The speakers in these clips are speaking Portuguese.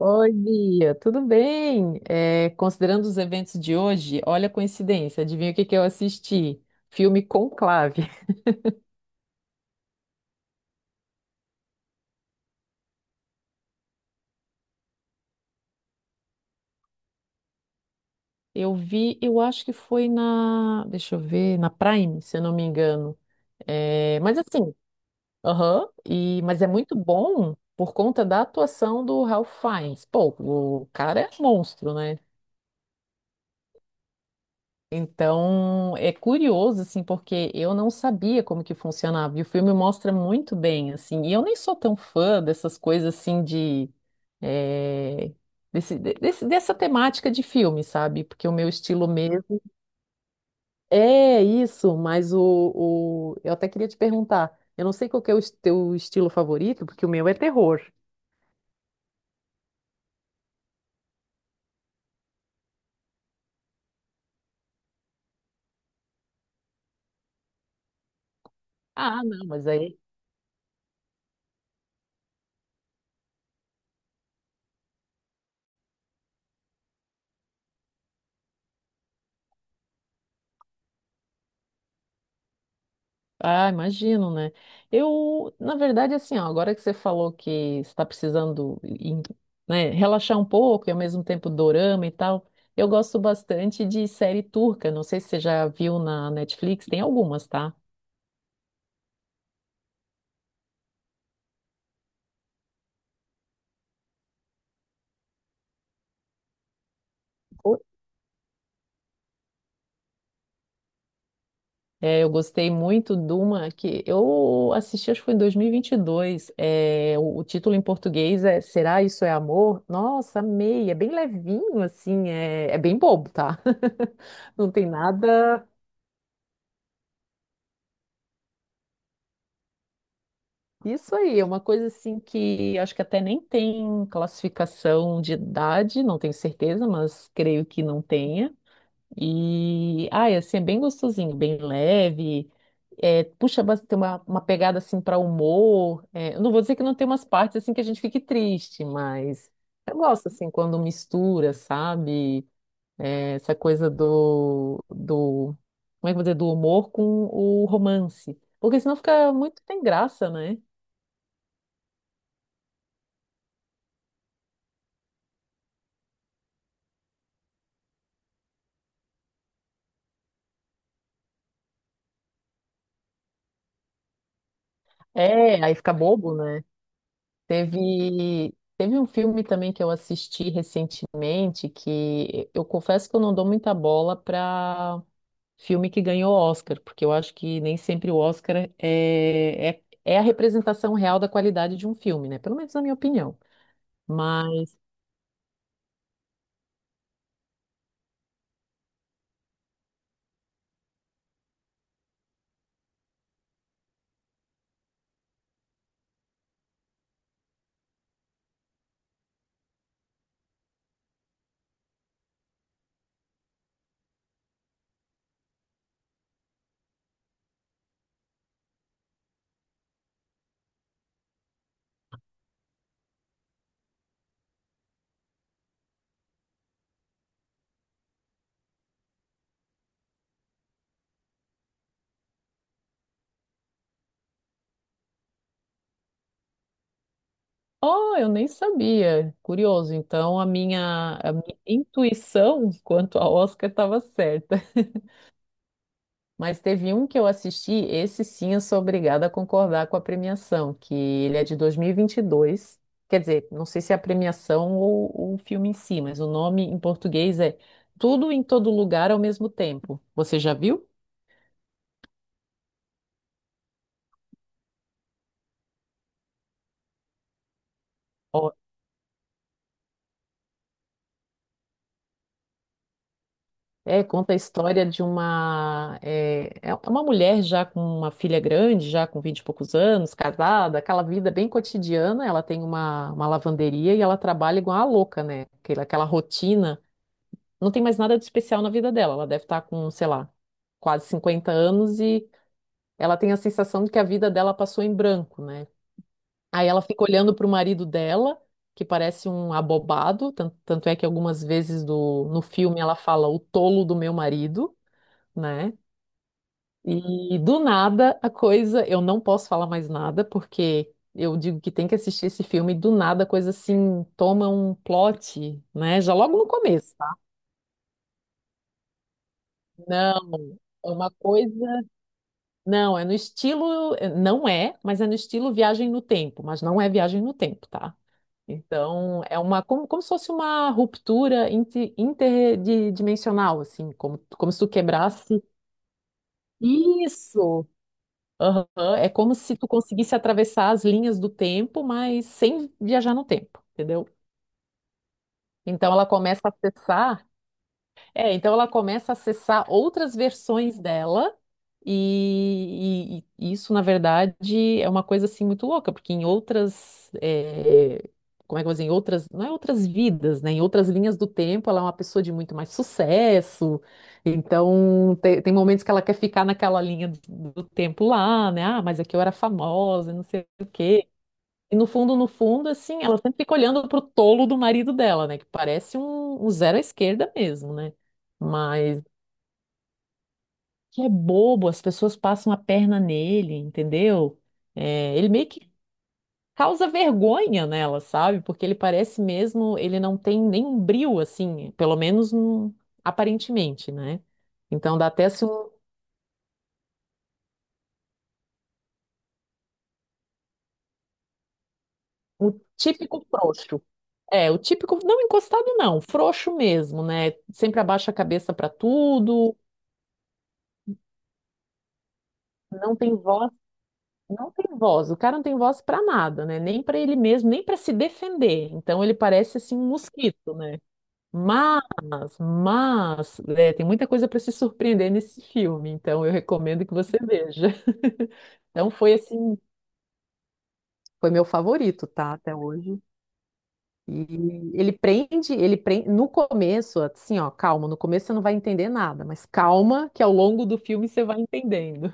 Oi, Bia, tudo bem? É, considerando os eventos de hoje, olha a coincidência, adivinha o que que eu assisti? Filme Conclave. Eu vi, eu acho que foi na, deixa eu ver, na Prime, se eu não me engano. É, mas assim, aham, e, mas é muito bom por conta da atuação do Ralph Fiennes. Pô, o cara é monstro, né? Então, é curioso, assim, porque eu não sabia como que funcionava. E o filme mostra muito bem, assim. E eu nem sou tão fã dessas coisas, assim, de... eh, dessa temática de filme, sabe? Porque o meu estilo mesmo é isso, mas o... Eu até queria te perguntar. Eu não sei qual que é teu estilo favorito, porque o meu é terror. Ah, não, mas aí... Ah, imagino, né? Eu, na verdade, assim, ó, agora que você falou que está precisando, né, relaxar um pouco e ao mesmo tempo dorama e tal, eu gosto bastante de série turca. Não sei se você já viu na Netflix, tem algumas, tá? É, eu gostei muito de uma que eu assisti, acho que foi em 2022. É, o título em português é Será Isso é Amor? Nossa, amei. É bem levinho, assim, é bem bobo, tá? Não tem nada. Isso aí, é uma coisa assim que acho que até nem tem classificação de idade, não tenho certeza, mas creio que não tenha. E, ah, é assim, é bem gostosinho, bem leve, é, puxa, tem uma, pegada assim para humor. É, eu não vou dizer que não tem umas partes assim que a gente fique triste, mas eu gosto assim quando mistura, sabe? É, essa coisa do, como é que eu vou dizer, do humor com o romance, porque senão fica muito sem graça, né? É, aí fica bobo, né? Teve um filme também que eu assisti recentemente que eu confesso que eu não dou muita bola para filme que ganhou Oscar, porque eu acho que nem sempre o Oscar é a representação real da qualidade de um filme, né? Pelo menos na minha opinião. Mas, oh, eu nem sabia. Curioso. Então, a minha intuição quanto a Oscar estava certa. Mas teve um que eu assisti, esse sim eu sou obrigada a concordar com a premiação, que ele é de 2022. Quer dizer, não sei se é a premiação ou o filme em si, mas o nome em português é Tudo em Todo Lugar ao Mesmo Tempo. Você já viu? Ó, é, conta a história de uma, é uma mulher já com uma filha grande, já com 20 e poucos anos, casada, aquela vida bem cotidiana. Ela tem uma lavanderia e ela trabalha igual a louca, né? Aquela rotina não tem mais nada de especial na vida dela. Ela deve estar com, sei lá, quase 50 anos e ela tem a sensação de que a vida dela passou em branco, né? Aí ela fica olhando para o marido dela, que parece um abobado, tanto é que algumas vezes no filme ela fala o tolo do meu marido, né? E do nada a coisa, eu não posso falar mais nada, porque eu digo que tem que assistir esse filme, e do nada a coisa assim toma um plot, né? Já logo no começo, tá? Não, é uma coisa. Não, é no estilo, não é, mas é no estilo viagem no tempo, mas não é viagem no tempo, tá? Então, é uma, como se fosse uma ruptura interdimensional, assim, como se tu quebrasse. Isso! Aham, é como se tu conseguisse atravessar as linhas do tempo, mas sem viajar no tempo, entendeu? Então ela começa a acessar outras versões dela. E, e isso, na verdade, é uma coisa assim muito louca, porque em outras, como é que eu vou dizer, em outras, não é outras vidas, né? Em outras linhas do tempo, ela é uma pessoa de muito mais sucesso. Então, tem, momentos que ela quer ficar naquela linha do tempo lá, né? Ah, mas aqui eu era famosa, não sei. E no fundo, no fundo, assim, ela sempre fica olhando pro tolo do marido dela, né? Que parece um zero à esquerda mesmo, né? Que é bobo, as pessoas passam a perna nele, entendeu? É, ele meio que causa vergonha nela, sabe? Porque ele parece mesmo, ele não tem nenhum brio, assim, pelo menos aparentemente, né? Então dá até assim, um típico frouxo. É, o típico, não encostado não, frouxo mesmo, né? Sempre abaixa a cabeça pra tudo, não tem voz, não tem voz. O cara não tem voz pra nada, né? Nem pra ele mesmo, nem pra se defender. Então ele parece assim um mosquito, né? Mas, mas, tem muita coisa para se surpreender nesse filme, então eu recomendo que você veja. Então foi assim, foi meu favorito, tá, até hoje. E ele prende no começo, assim, ó, calma, no começo você não vai entender nada, mas calma que ao longo do filme você vai entendendo.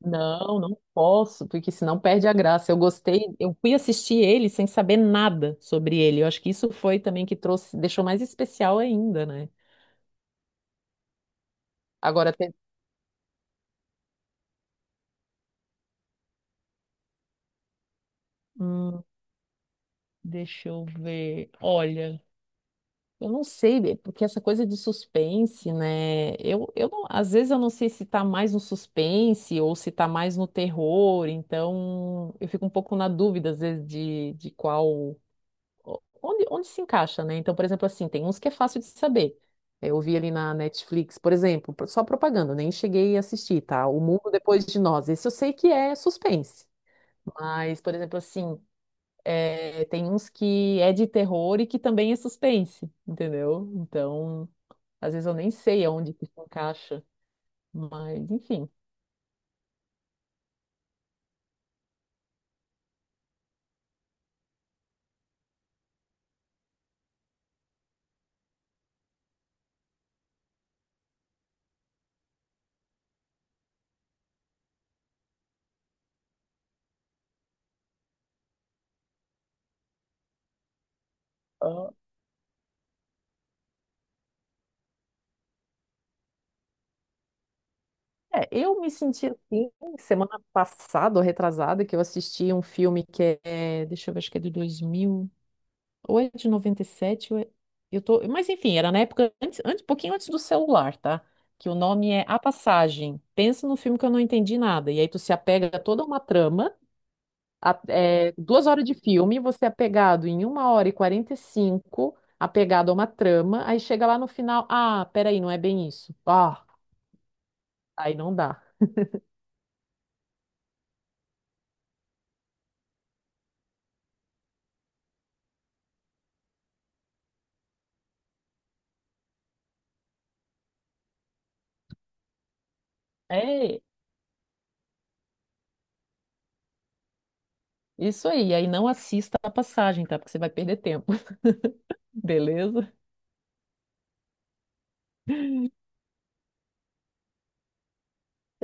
Não, não posso, porque senão perde a graça. Eu gostei, eu fui assistir ele sem saber nada sobre ele. Eu acho que isso foi também que trouxe, deixou mais especial ainda, né? Agora tem. hum, Deixa eu ver. Olha, eu não sei, é porque essa coisa de suspense, né? Eu às vezes eu não sei se tá mais no suspense ou se tá mais no terror, então eu fico um pouco na dúvida, às vezes, de qual. Onde se encaixa, né? Então, por exemplo, assim, tem uns que é fácil de saber. É, eu vi ali na Netflix, por exemplo, só propaganda, nem cheguei a assistir, tá? O Mundo Depois de Nós. Esse eu sei que é suspense. Mas, por exemplo, assim. É, tem uns que é de terror e que também é suspense, entendeu? Então, às vezes eu nem sei aonde que se encaixa, mas enfim. Ah, é, eu me senti assim semana passada, ou retrasada, que eu assisti um filme que é, deixa eu ver, acho que é de 2000 ou é de 97 ou é, eu tô, mas enfim, era na época antes, antes, um pouquinho antes do celular, tá? Que o nome é A Passagem. Pensa num filme que eu não entendi nada, e aí tu se apega a toda uma trama, 2 horas de filme, você é pegado em 1h45, apegado a uma trama, aí chega lá no final, ah, peraí, não é bem isso. Ah, aí não dá. É isso aí, aí não assista a passagem, tá? Porque você vai perder tempo, beleza?